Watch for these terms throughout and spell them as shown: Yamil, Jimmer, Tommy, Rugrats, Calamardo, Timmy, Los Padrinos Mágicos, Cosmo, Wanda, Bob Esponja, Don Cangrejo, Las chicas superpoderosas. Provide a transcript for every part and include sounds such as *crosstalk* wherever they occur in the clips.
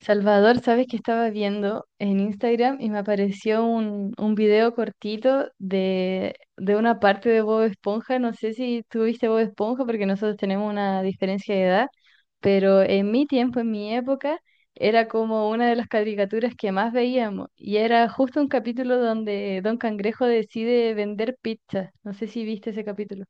Salvador, sabes que estaba viendo en Instagram y me apareció un video cortito de una parte de Bob Esponja. No sé si tú viste Bob Esponja porque nosotros tenemos una diferencia de edad, pero en mi tiempo, en mi época, era como una de las caricaturas que más veíamos. Y era justo un capítulo donde Don Cangrejo decide vender pizza. No sé si viste ese capítulo.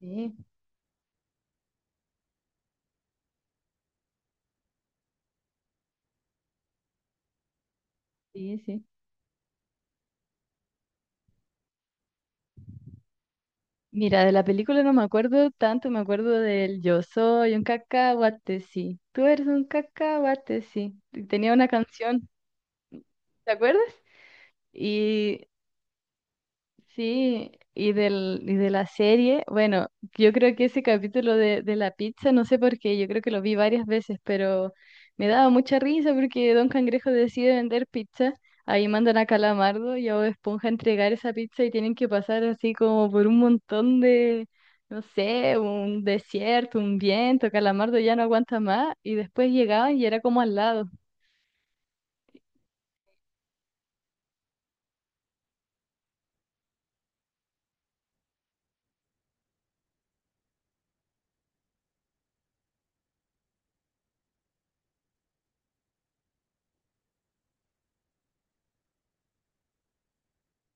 Sí, sí, sí. Mira, de la película no me acuerdo tanto, me acuerdo del Yo soy un cacahuate, sí. Tú eres un cacahuate, sí. Tenía una canción, ¿te acuerdas? Y sí, y, del, y de la serie, bueno, yo creo que ese capítulo de la pizza, no sé por qué, yo creo que lo vi varias veces, pero me daba mucha risa porque Don Cangrejo decide vender pizza, ahí mandan a Calamardo y a Bob Esponja a entregar esa pizza y tienen que pasar así como por un montón de, no sé, un desierto, un viento, Calamardo ya no aguanta más y después llegaban y era como al lado.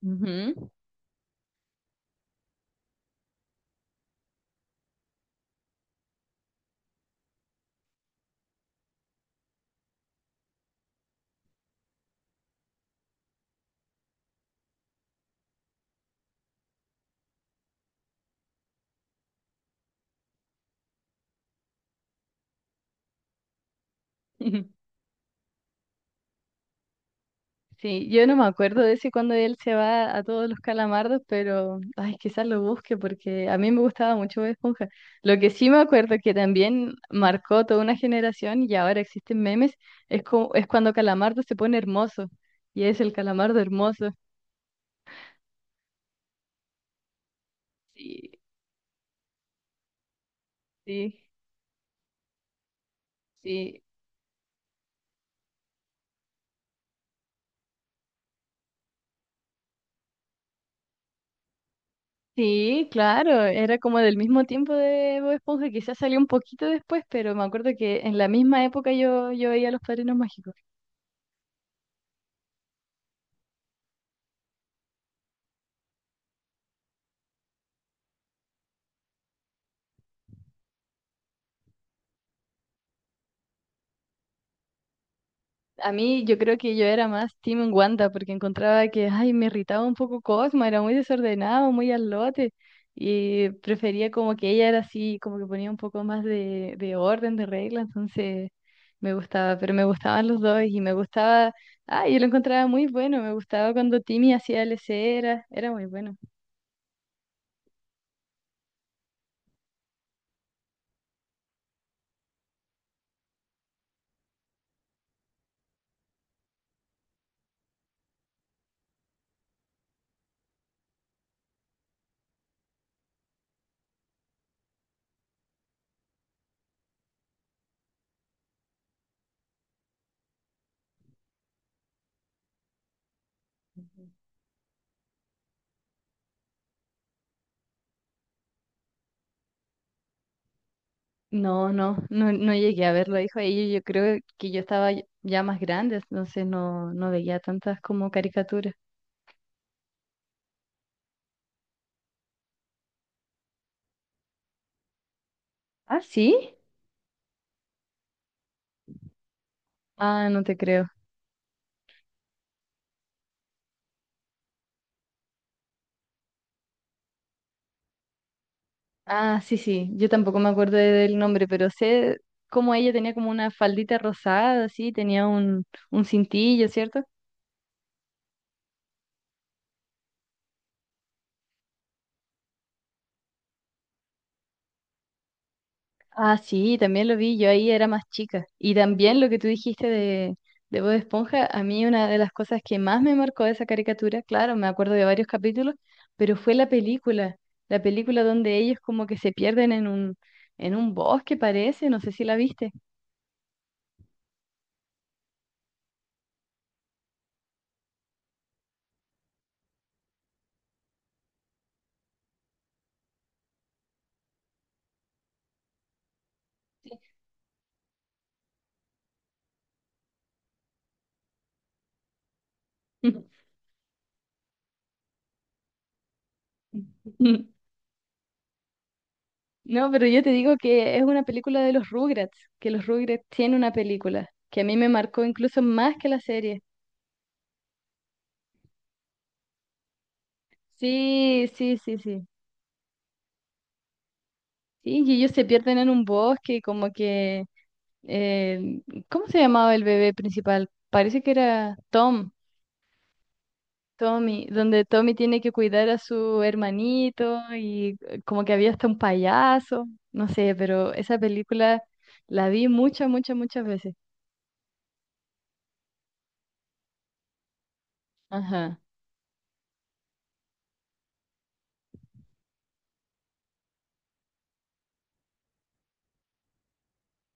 Ujú. *laughs* Sí, yo no me acuerdo de ese cuando él se va a todos los calamardos, pero ay, quizás lo busque porque a mí me gustaba mucho Bob Esponja. Lo que sí me acuerdo que también marcó toda una generación y ahora existen memes, es, cu- es cuando Calamardo se pone hermoso y es el Calamardo hermoso. Sí, sí, sí. Sí, claro, era como del mismo tiempo de Bob Esponja, quizás salió un poquito después, pero me acuerdo que en la misma época yo veía Los Padrinos Mágicos. A mí yo creo que yo era más Team Wanda porque encontraba que, ay, me irritaba un poco Cosmo, era muy desordenado, muy al lote y prefería como que ella era así, como que ponía un poco más de orden, de regla, entonces me gustaba, pero me gustaban los dos y me gustaba, ay, yo lo encontraba muy bueno, me gustaba cuando Timmy hacía leceras, era muy bueno. No, no, no, no llegué a verlo, dijo ella, yo creo que yo estaba ya más grande, entonces no, no veía tantas como caricaturas. Ah, sí. Ah, no te creo. Ah, sí, sí, yo tampoco me acuerdo de- del nombre, pero sé cómo ella tenía como una faldita rosada, así, tenía un cintillo, ¿cierto? Ah, sí, también lo vi, yo ahí era más chica. Y también lo que tú dijiste de Bob Esponja, a mí una de las cosas que más me marcó de esa caricatura, claro, me acuerdo de varios capítulos, pero fue la película donde ellos como que se pierden en un bosque, parece, no sé si la viste. *laughs* No, pero yo te digo que es una película de los Rugrats, que los Rugrats tienen una película, que a mí me marcó incluso más que la serie. Sí, sí, sí, sí. Sí, y ellos se pierden en un bosque, y como que, eh, ¿cómo se llamaba el bebé principal? Parece que era Tom, Tommy, donde Tommy tiene que cuidar a su hermanito y como que había hasta un payaso, no sé, pero esa película la vi muchas, muchas, muchas veces. Ajá.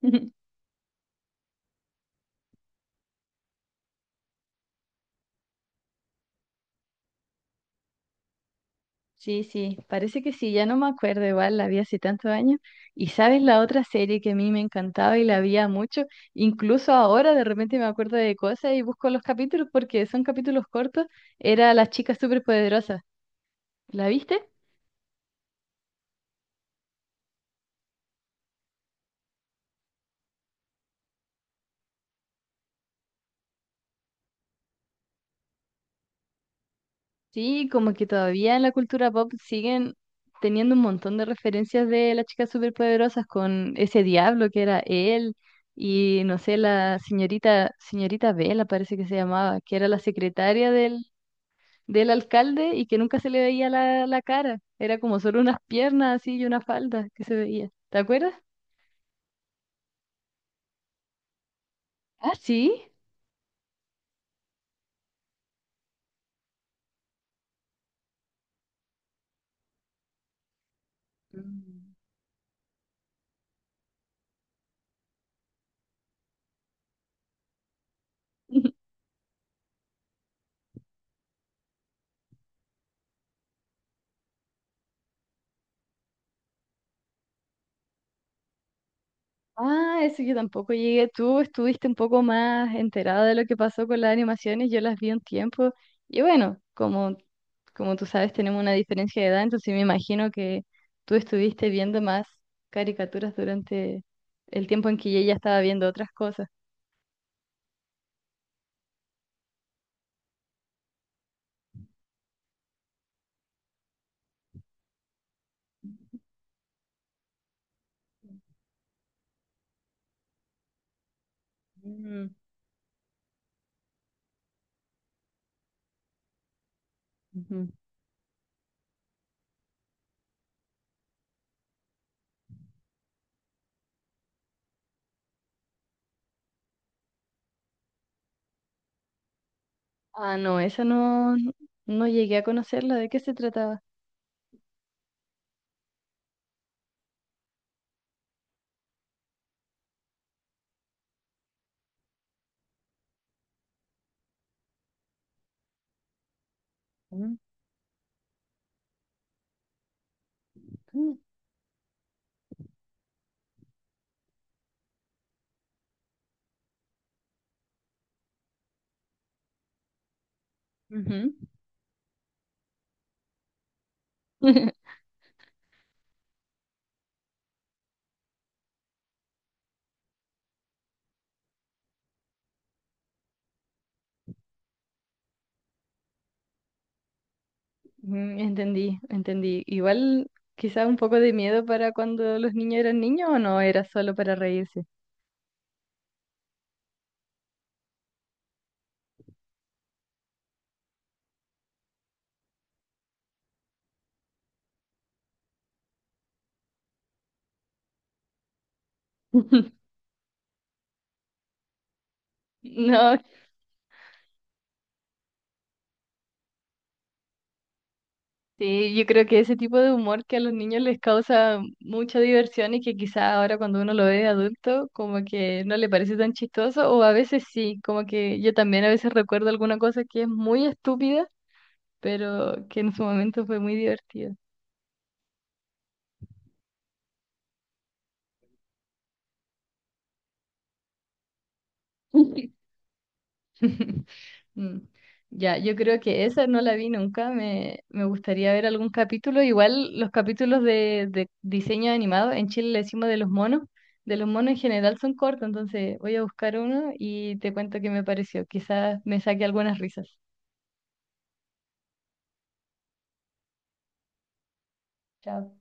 *laughs* Sí, sí, parece que sí, ya no me acuerdo, igual la vi hace tantos años. Y sabes, la otra serie que a mí me encantaba y la veía mucho, incluso ahora de repente me acuerdo de cosas y busco los capítulos porque son capítulos cortos, era Las chicas superpoderosas. ¿La viste? Sí, como que todavía en la cultura pop siguen teniendo un montón de referencias de las chicas superpoderosas con ese diablo que era él y no sé, la señorita, señorita Bella parece que se llamaba, que era la secretaria del. Del alcalde y que nunca se le veía la, la cara. Era como solo unas piernas así y una falda que se veía. ¿Te acuerdas? Ah, sí. Mm. *laughs* Ah, eso yo tampoco llegué. Tú estuviste un poco más enterada de lo que pasó con las animaciones. Yo las vi un tiempo. Y bueno, como, como tú sabes, tenemos una diferencia de edad, entonces me imagino que tú estuviste viendo más caricaturas durante el tiempo en que yo ya estaba viendo otras cosas. Mm, ujú. Ah, no, esa no, no llegué a conocerla. ¿De qué se trataba? Ujú. Ujú. *laughs* Mm, entendí, entendí. Igual quizá un poco de miedo para cuando los niños eran niños o no, era solo para reírse. *laughs* No, sí, yo creo que ese tipo de humor que a los niños les causa mucha diversión y que quizá ahora cuando uno lo ve de adulto como que no le parece tan chistoso o a veces sí, como que yo también a veces recuerdo alguna cosa que es muy estúpida pero que en su momento fue muy divertido. *laughs* Mm. Ya, yo creo que esa no la vi nunca, me gustaría ver algún capítulo, igual los capítulos de diseño animado, en Chile le decimos de los monos en general son cortos, entonces voy a buscar uno y te cuento qué me pareció, quizás me saque algunas risas. Chao.